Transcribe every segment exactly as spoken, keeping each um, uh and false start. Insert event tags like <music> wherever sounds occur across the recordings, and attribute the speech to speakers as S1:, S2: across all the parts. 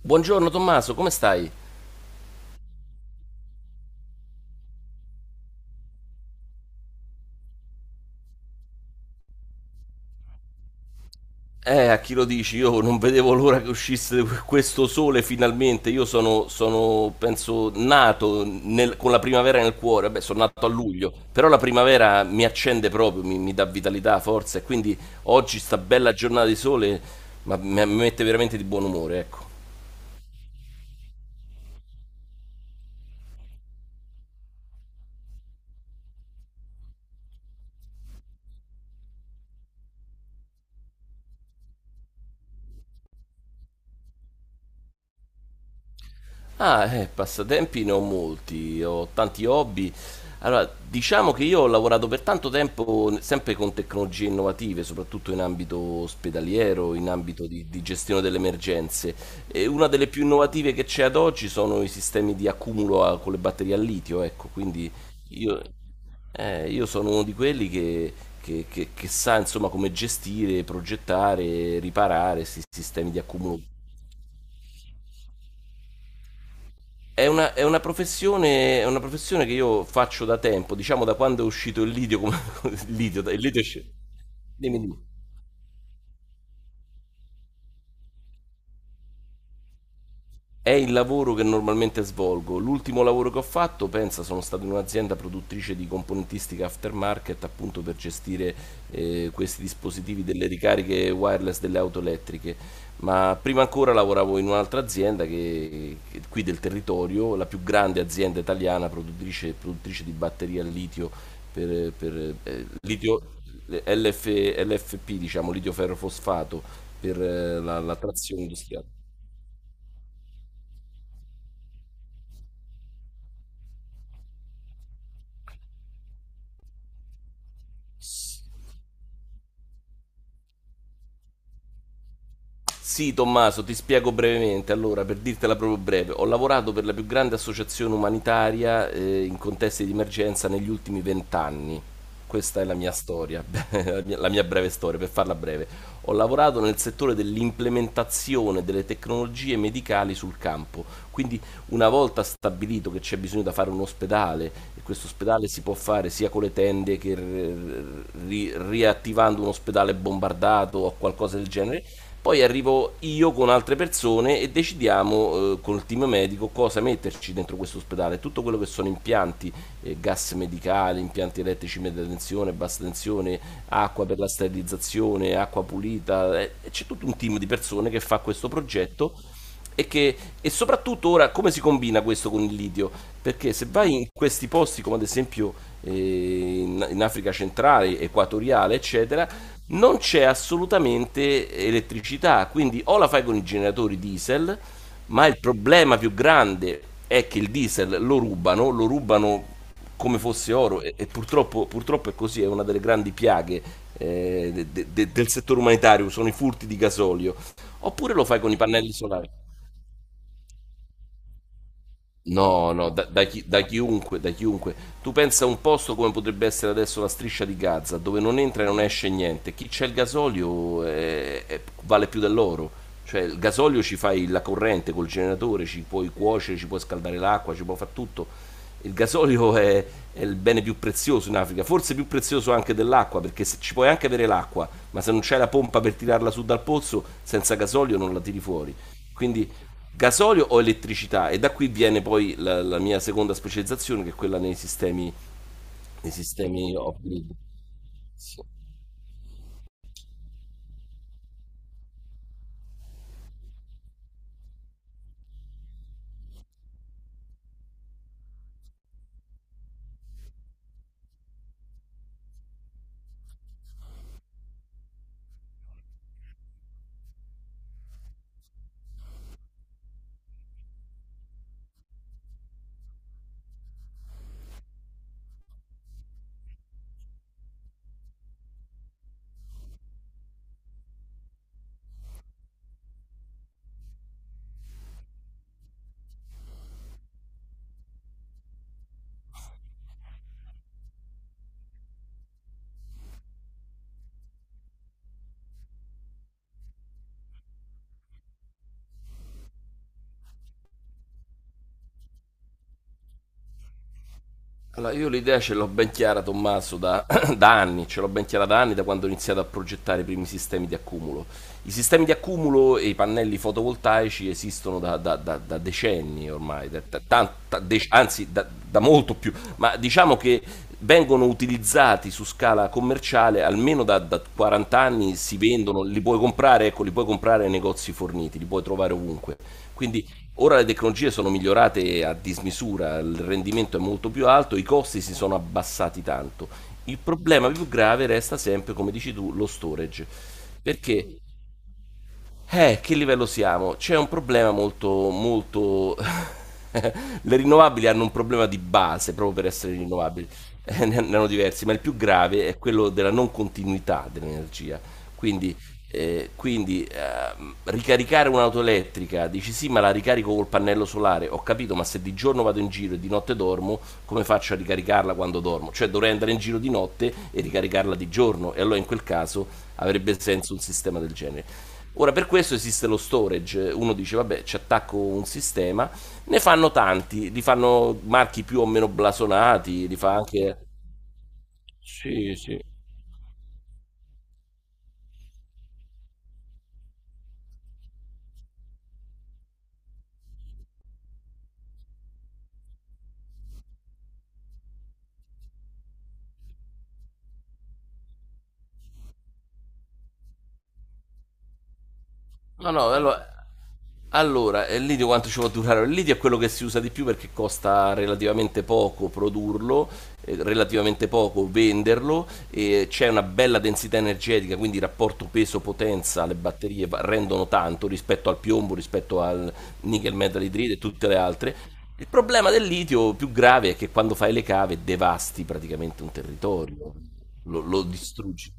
S1: Buongiorno Tommaso, come stai? Eh, a chi lo dici? Io non vedevo l'ora che uscisse questo sole finalmente. Io sono, sono, penso, nato nel- con la primavera nel cuore. Beh, sono nato a luglio, però la primavera mi accende proprio, mi, mi dà vitalità, forza. E quindi oggi sta bella giornata di sole, ma mi mi mette veramente di buon umore, ecco. Ah, eh, passatempi ne ho molti, ho tanti hobby. Allora, diciamo che io ho lavorato per tanto tempo n- sempre con tecnologie innovative, soprattutto in ambito ospedaliero, in ambito di, di gestione delle emergenze. E una delle più innovative che c'è ad oggi sono i sistemi di accumulo a- con le batterie a litio, ecco, quindi io, eh, io sono uno di quelli che, che- che- che sa insomma come gestire, progettare, riparare questi sistemi di accumulo. È una, è una professione, è una professione che io faccio da tempo, diciamo da quando è uscito il Lidio, come, <laughs> il Lidio, il Lidio esce. Dimmi, dimmi. È il lavoro che normalmente svolgo. L'ultimo lavoro che ho fatto, pensa, sono stato in un'azienda produttrice di componentistica aftermarket appunto per gestire eh, questi dispositivi delle ricariche wireless delle auto elettriche. Ma prima ancora lavoravo in un'altra azienda che, che- qui del territorio, la più grande azienda italiana produttrice, produttrice di batterie al litio per, per, eh, litio L F L F P, diciamo, litio ferrofosfato per eh, la la trazione industriale. Sì, Tommaso, ti spiego brevemente. Allora, per dirtela proprio breve, ho lavorato per la più grande associazione umanitaria eh, in contesti di emergenza negli ultimi vent'anni. Questa è la mia storia, <laughs> la mia la mia breve storia, per farla breve. Ho lavorato nel settore dell'implementazione delle tecnologie medicali sul campo. Quindi, una volta stabilito che c'è bisogno da fare un ospedale, e questo ospedale si può fare sia con le tende che r- ri- riattivando un ospedale bombardato o qualcosa del genere, poi arrivo io con altre persone e decidiamo eh, con il team medico cosa metterci dentro questo ospedale. Tutto quello che sono impianti, eh, gas medicali, impianti elettrici media tensione, bassa tensione, acqua per la sterilizzazione, acqua pulita. Eh, c'è tutto un team di persone che fa questo progetto e, che, e soprattutto ora come si combina questo con il litio? Perché se vai in questi posti come ad esempio eh, in, in Africa centrale, equatoriale, eccetera, non c'è assolutamente elettricità, quindi o la fai con i generatori diesel, ma il problema più grande è che il diesel lo rubano, lo rubano come fosse oro e, e purtroppo, purtroppo è così, è una delle grandi piaghe eh, de- de- del settore umanitario, sono i furti di gasolio, oppure lo fai con i pannelli solari. No, no, da, da chi- da chiunque, da chiunque. Tu pensa a un posto come potrebbe essere adesso la striscia di Gaza, dove non entra e non esce niente. Chi c'è il gasolio eh, eh, vale più dell'oro. Cioè, il gasolio ci fai la corrente col generatore, ci puoi cuocere, ci puoi scaldare l'acqua, ci puoi fare tutto. Il gasolio è, è il bene più prezioso in Africa, forse più prezioso anche dell'acqua, perché se- ci puoi anche avere l'acqua, ma se non c'è la pompa per tirarla su dal pozzo, senza gasolio non la tiri fuori. Quindi gasolio o elettricità e da qui viene poi la, la mia seconda specializzazione che è quella nei sistemi, nei sistemi off-grid. Sì. Allora, io l'idea ce l'ho ben chiara, Tommaso, da, <clears throat> <coughs> da anni, ce l'ho ben chiara da anni, da quando ho iniziato a progettare i primi sistemi di accumulo. I sistemi di accumulo e i pannelli fotovoltaici esistono da, da- da- da decenni ormai, da- da- tan- da dec- anzi da, da molto più, ma diciamo che vengono utilizzati su scala commerciale almeno da, da quaranta anni, si vendono, li puoi comprare, ecco, li puoi comprare nei negozi forniti, li puoi trovare ovunque. Quindi ora le tecnologie sono migliorate a dismisura, il rendimento è molto più alto, i costi si sono abbassati tanto. Il problema più grave resta sempre, come dici tu, lo storage. Perché eh, che livello siamo? C'è un problema molto, molto. <laughs> Le rinnovabili hanno un problema di base proprio per essere rinnovabili, eh, ne ne hanno diversi, ma il più grave è quello della non continuità dell'energia. Quindi, eh, quindi, ehm, ricaricare un'auto elettrica, dici sì, ma la ricarico col pannello solare, ho capito, ma se di giorno vado in giro e di notte dormo, come faccio a ricaricarla quando dormo? Cioè dovrei andare in giro di notte e ricaricarla di giorno, e allora in quel caso avrebbe senso un sistema del genere. Ora per questo esiste lo storage, uno dice vabbè ci attacco un sistema, ne fanno tanti, li fanno marchi più o meno blasonati, li fa anche. Sì, sì. No, no, allora, allora, il litio quanto ci può durare? Il litio è quello che si usa di più perché costa relativamente poco produrlo, eh, relativamente poco venderlo, e c'è una bella densità energetica, quindi il rapporto peso-potenza, le batterie va- rendono tanto rispetto al piombo, rispetto al nickel metal idride e tutte le altre. Il problema del litio più grave è che quando fai le cave devasti praticamente un territorio, lo lo distruggi.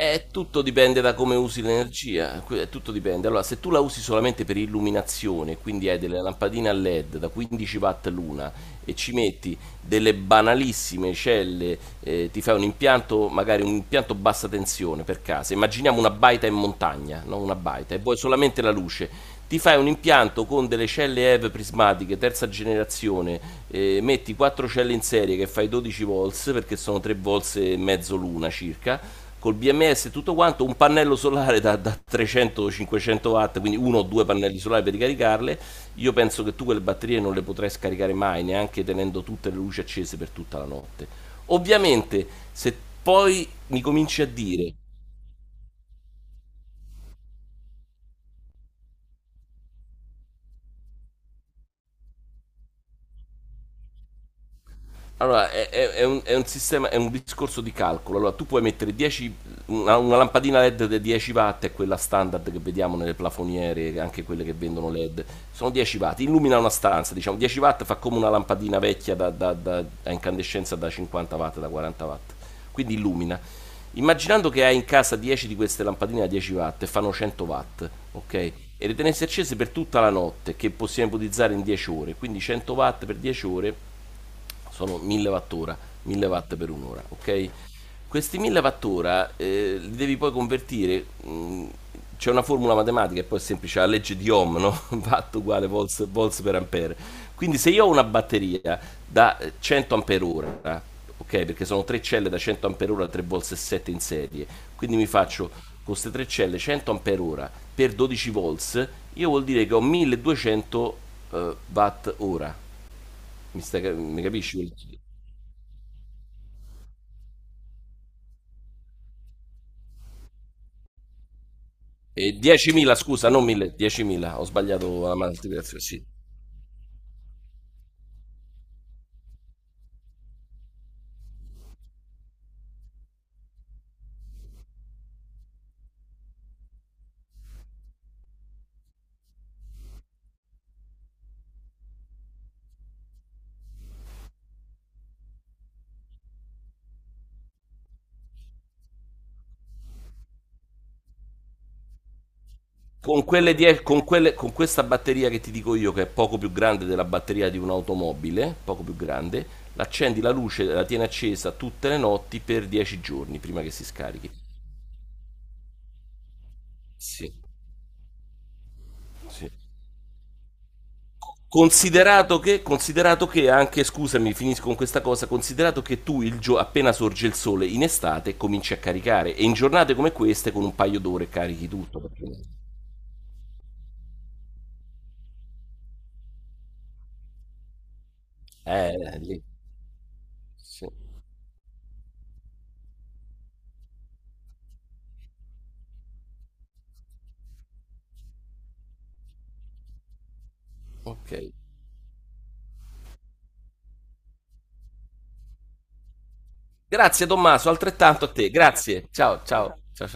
S1: Eh, tutto dipende da come usi l'energia, que- tutto dipende. Allora, se tu la usi solamente per illuminazione, quindi hai delle lampadine a LED da quindici watt l'una e ci metti delle banalissime celle, eh, ti fai un impianto, magari un impianto bassa tensione per casa, immaginiamo una baita in montagna, no? Una baita, e vuoi solamente la luce, ti fai un impianto con delle celle E V prismatiche, terza generazione, eh, metti quattro celle in serie che fai dodici volts, perché sono tre volts e mezzo l'una circa, col B M S e tutto quanto, un pannello solare da, da trecento cinquecento watt, quindi uno o due pannelli solari per ricaricarle, io penso che tu quelle batterie non le potrai scaricare mai, neanche tenendo tutte le luci accese per tutta la notte. Ovviamente, se poi mi cominci a dire. Allora, è, è- è un, è un sistema, è un discorso di calcolo. Allora, tu puoi mettere dieci, una, una lampadina LED da dieci watt, è quella standard che vediamo nelle plafoniere, anche quelle che vendono LED. Sono dieci watt, illumina una stanza, diciamo dieci watt fa come una lampadina vecchia da, da- da- a incandescenza da cinquanta watt, da quaranta watt. Quindi illumina. Immaginando che hai in casa dieci di queste lampadine da dieci watt e fanno cento watt, ok? E le tenessi accese per tutta la notte, che possiamo ipotizzare in dieci ore. Quindi cento watt per dieci ore sono mille wattora, mille watt per un'ora, ok? Questi mille wattora eh, li devi poi convertire, mh, c'è una formula matematica e poi è semplice, la legge di Ohm, no? <laughs> Watt uguale volts, volts per ampere. Quindi se io ho una batteria da eh, cento ampere ora, ok? Perché sono tre celle da cento ampere ora, tre volts e sette in serie, quindi mi faccio con queste tre celle cento ampere ora per dodici volts, io vuol dire che ho milleduecento eh, watt ora. Mi, stai, cap- mi capisci? E diecimila, scusa, non mille, diecimila, ho sbagliato la moltiplicazione, sì. Con, quelle die- con, quelle- con questa batteria che ti dico io, che è poco più grande della batteria di un'automobile, poco più grande, l'accendi la luce, la tieni accesa tutte le notti per dieci giorni prima che si scarichi. Sì, sì. Considerato che, considerato che anche, scusami, finisco con questa cosa, considerato che tu il gio- appena sorge il sole in estate cominci a caricare e in giornate come queste con un paio d'ore carichi tutto. perché- Eh, lì. Sì. Ok. Grazie Tommaso, altrettanto a te. Grazie. Ciao, ciao. Ciao, ciao.